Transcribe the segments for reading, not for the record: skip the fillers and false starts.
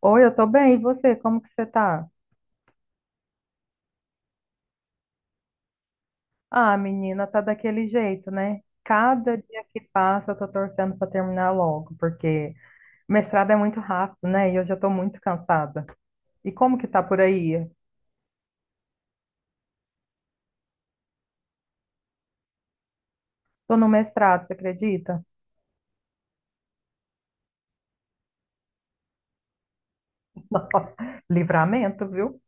Oi, eu tô bem, e você? Como que você tá? Ah, menina, tá daquele jeito, né? Cada dia que passa, eu tô torcendo pra terminar logo, porque mestrado é muito rápido, né? E eu já tô muito cansada. E como que tá por aí? Tô no mestrado, você acredita? Nossa, livramento, viu?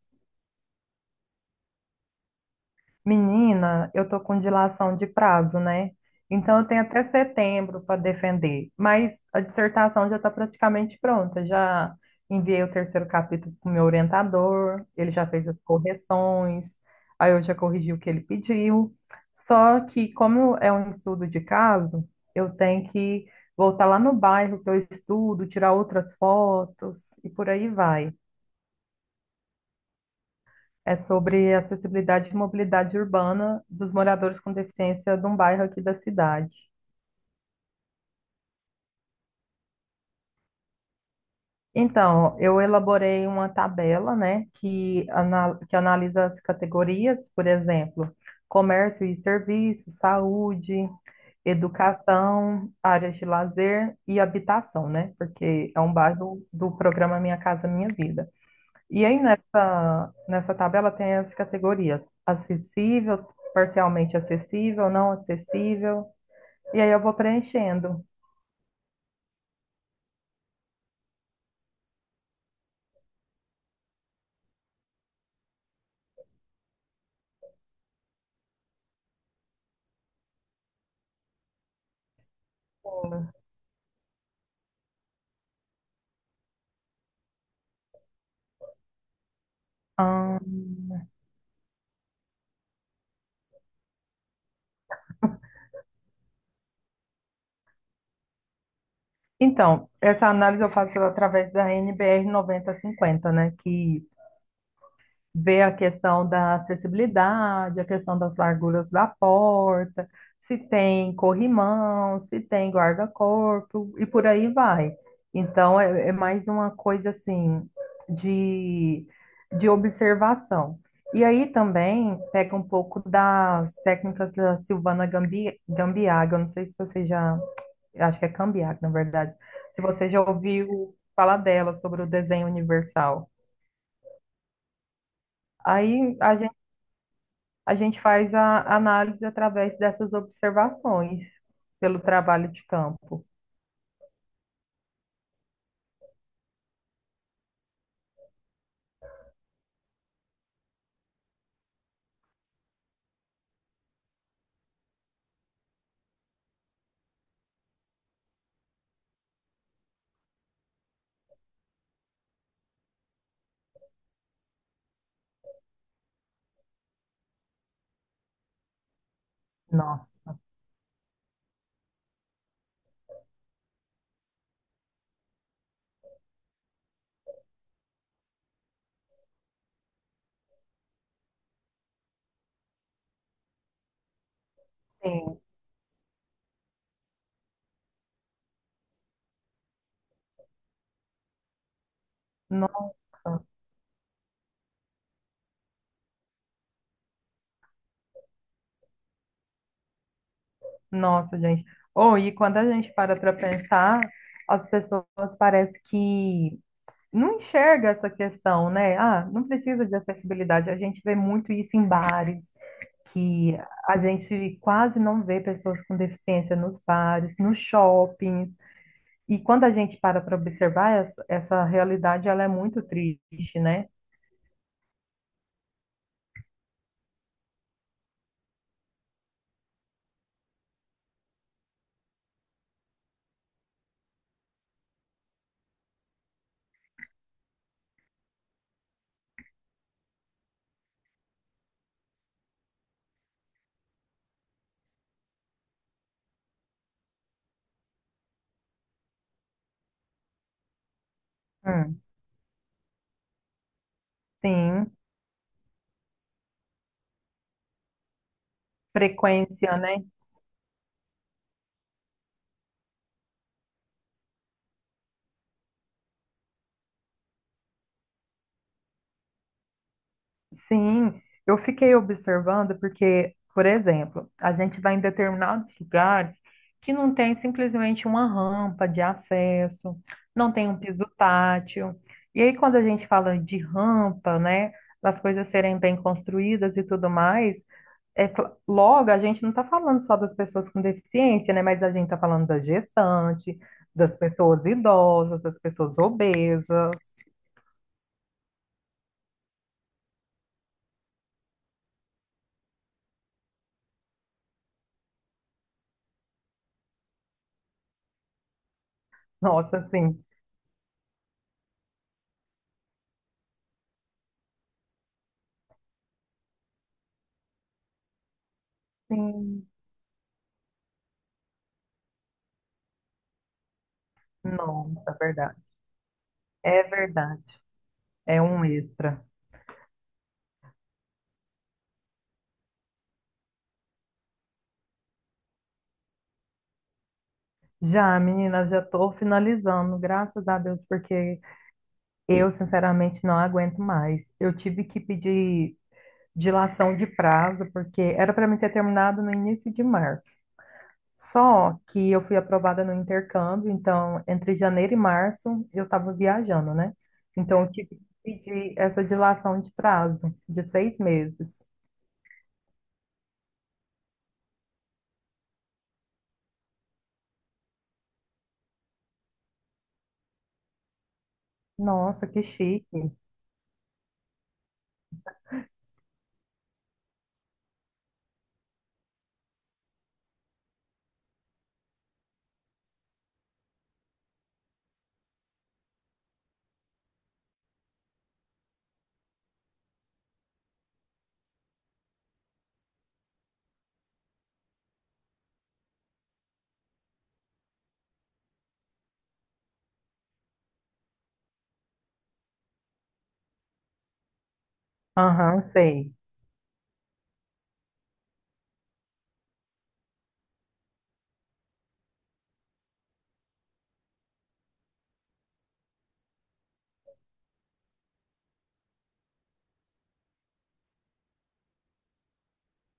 Menina, eu tô com dilação de prazo, né? Então eu tenho até setembro para defender, mas a dissertação já está praticamente pronta. Já enviei o terceiro capítulo para o meu orientador, ele já fez as correções, aí eu já corrigi o que ele pediu. Só que, como é um estudo de caso, eu tenho que voltar lá no bairro que eu estudo, tirar outras fotos e por aí vai. É sobre acessibilidade e mobilidade urbana dos moradores com deficiência de um bairro aqui da cidade. Então, eu elaborei uma tabela, né, que analisa as categorias, por exemplo, comércio e serviços, saúde, educação, áreas de lazer e habitação, né, porque é um bairro do programa Minha Casa Minha Vida. E aí nessa tabela tem as categorias acessível, parcialmente acessível, não acessível, e aí eu vou preenchendo. Ah, então, essa análise eu faço através da NBR 9050, né? Que ver a questão da acessibilidade, a questão das larguras da porta, se tem corrimão, se tem guarda-corpo e por aí vai. Então, é mais uma coisa assim de, de observação. E aí também pega um pouco das técnicas da Silvana Gambi, Gambiaga, eu não sei se você já, acho que é Gambiaga, na verdade, se você já ouviu falar dela sobre o desenho universal. Aí a gente faz a análise através dessas observações pelo trabalho de campo. Nossa, sim. Nossa, nossa, gente. Ou e quando a gente para pensar, as pessoas parece que não enxerga essa questão, né? Ah, não precisa de acessibilidade. A gente vê muito isso em bares, que a gente quase não vê pessoas com deficiência nos bares, nos shoppings. E quando a gente para observar, essa realidade ela é muito triste, né? Hum. Sim, frequência, né? Sim, eu fiquei observando porque, por exemplo, a gente vai em determinados lugares que não tem simplesmente uma rampa de acesso, não tem um piso tátil. E aí, quando a gente fala de rampa, né, das coisas serem bem construídas e tudo mais, logo, a gente não está falando só das pessoas com deficiência, né? Mas a gente está falando da gestante, das pessoas idosas, das pessoas obesas. Nossa, assim, sim, nossa, é verdade. É verdade. É um extra. Já, menina, já estou finalizando, graças a Deus, porque eu, sinceramente, não aguento mais. Eu tive que pedir dilação de prazo, porque era para mim ter terminado no início de março. Só que eu fui aprovada no intercâmbio, então entre janeiro e março eu estava viajando, né? Então eu tive que pedir essa dilação de prazo de 6 meses. Nossa, que chique. Aham, sei.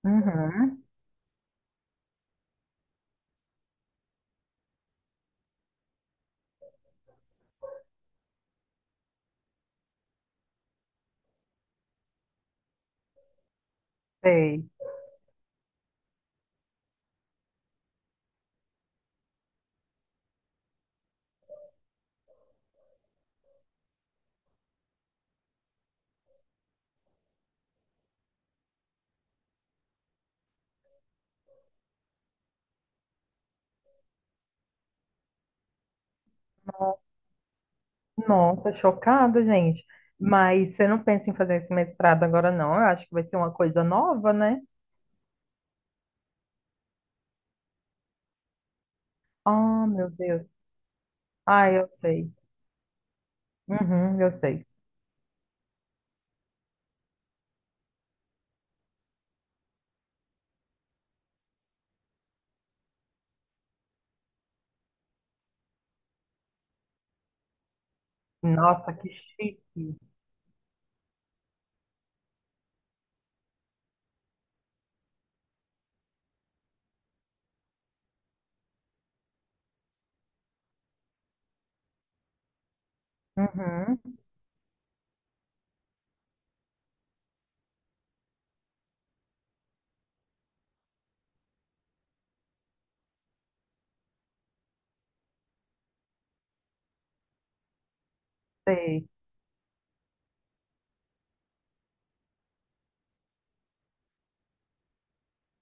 Uhum, sei. Nossa, chocada, gente. Mas você não pensa em fazer esse mestrado agora, não? Eu acho que vai ser uma coisa nova, né? Ah, meu Deus. Ah, eu sei. Uhum, eu sei. Nossa, que chique. Uhum, sei.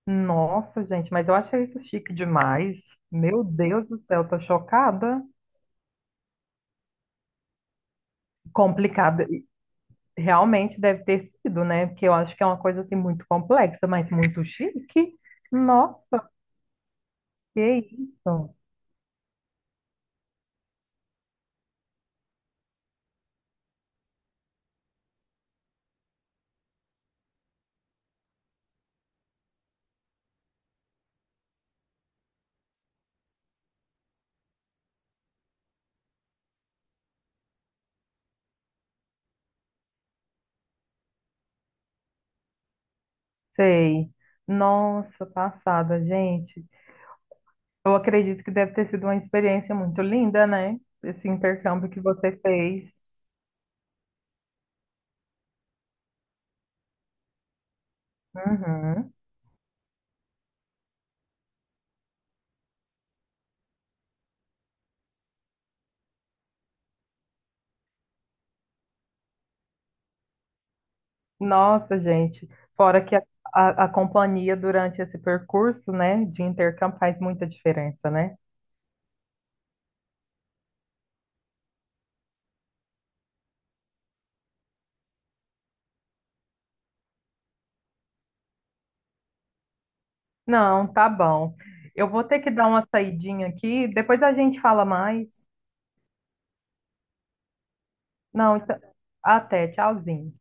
Nossa, gente, mas eu achei isso chique demais. Meu Deus do céu, tô chocada. Complicada. E realmente deve ter sido, né? Porque eu acho que é uma coisa assim muito complexa, mas muito chique. Nossa, que isso? Sei. Nossa, passada, gente. Eu acredito que deve ter sido uma experiência muito linda, né? Esse intercâmbio que você fez. Uhum. Nossa, gente. Fora que a companhia durante esse percurso, né, de intercâmbio faz muita diferença, né? Não, tá bom. Eu vou ter que dar uma saidinha aqui, depois a gente fala mais. Não, então- até, tchauzinho.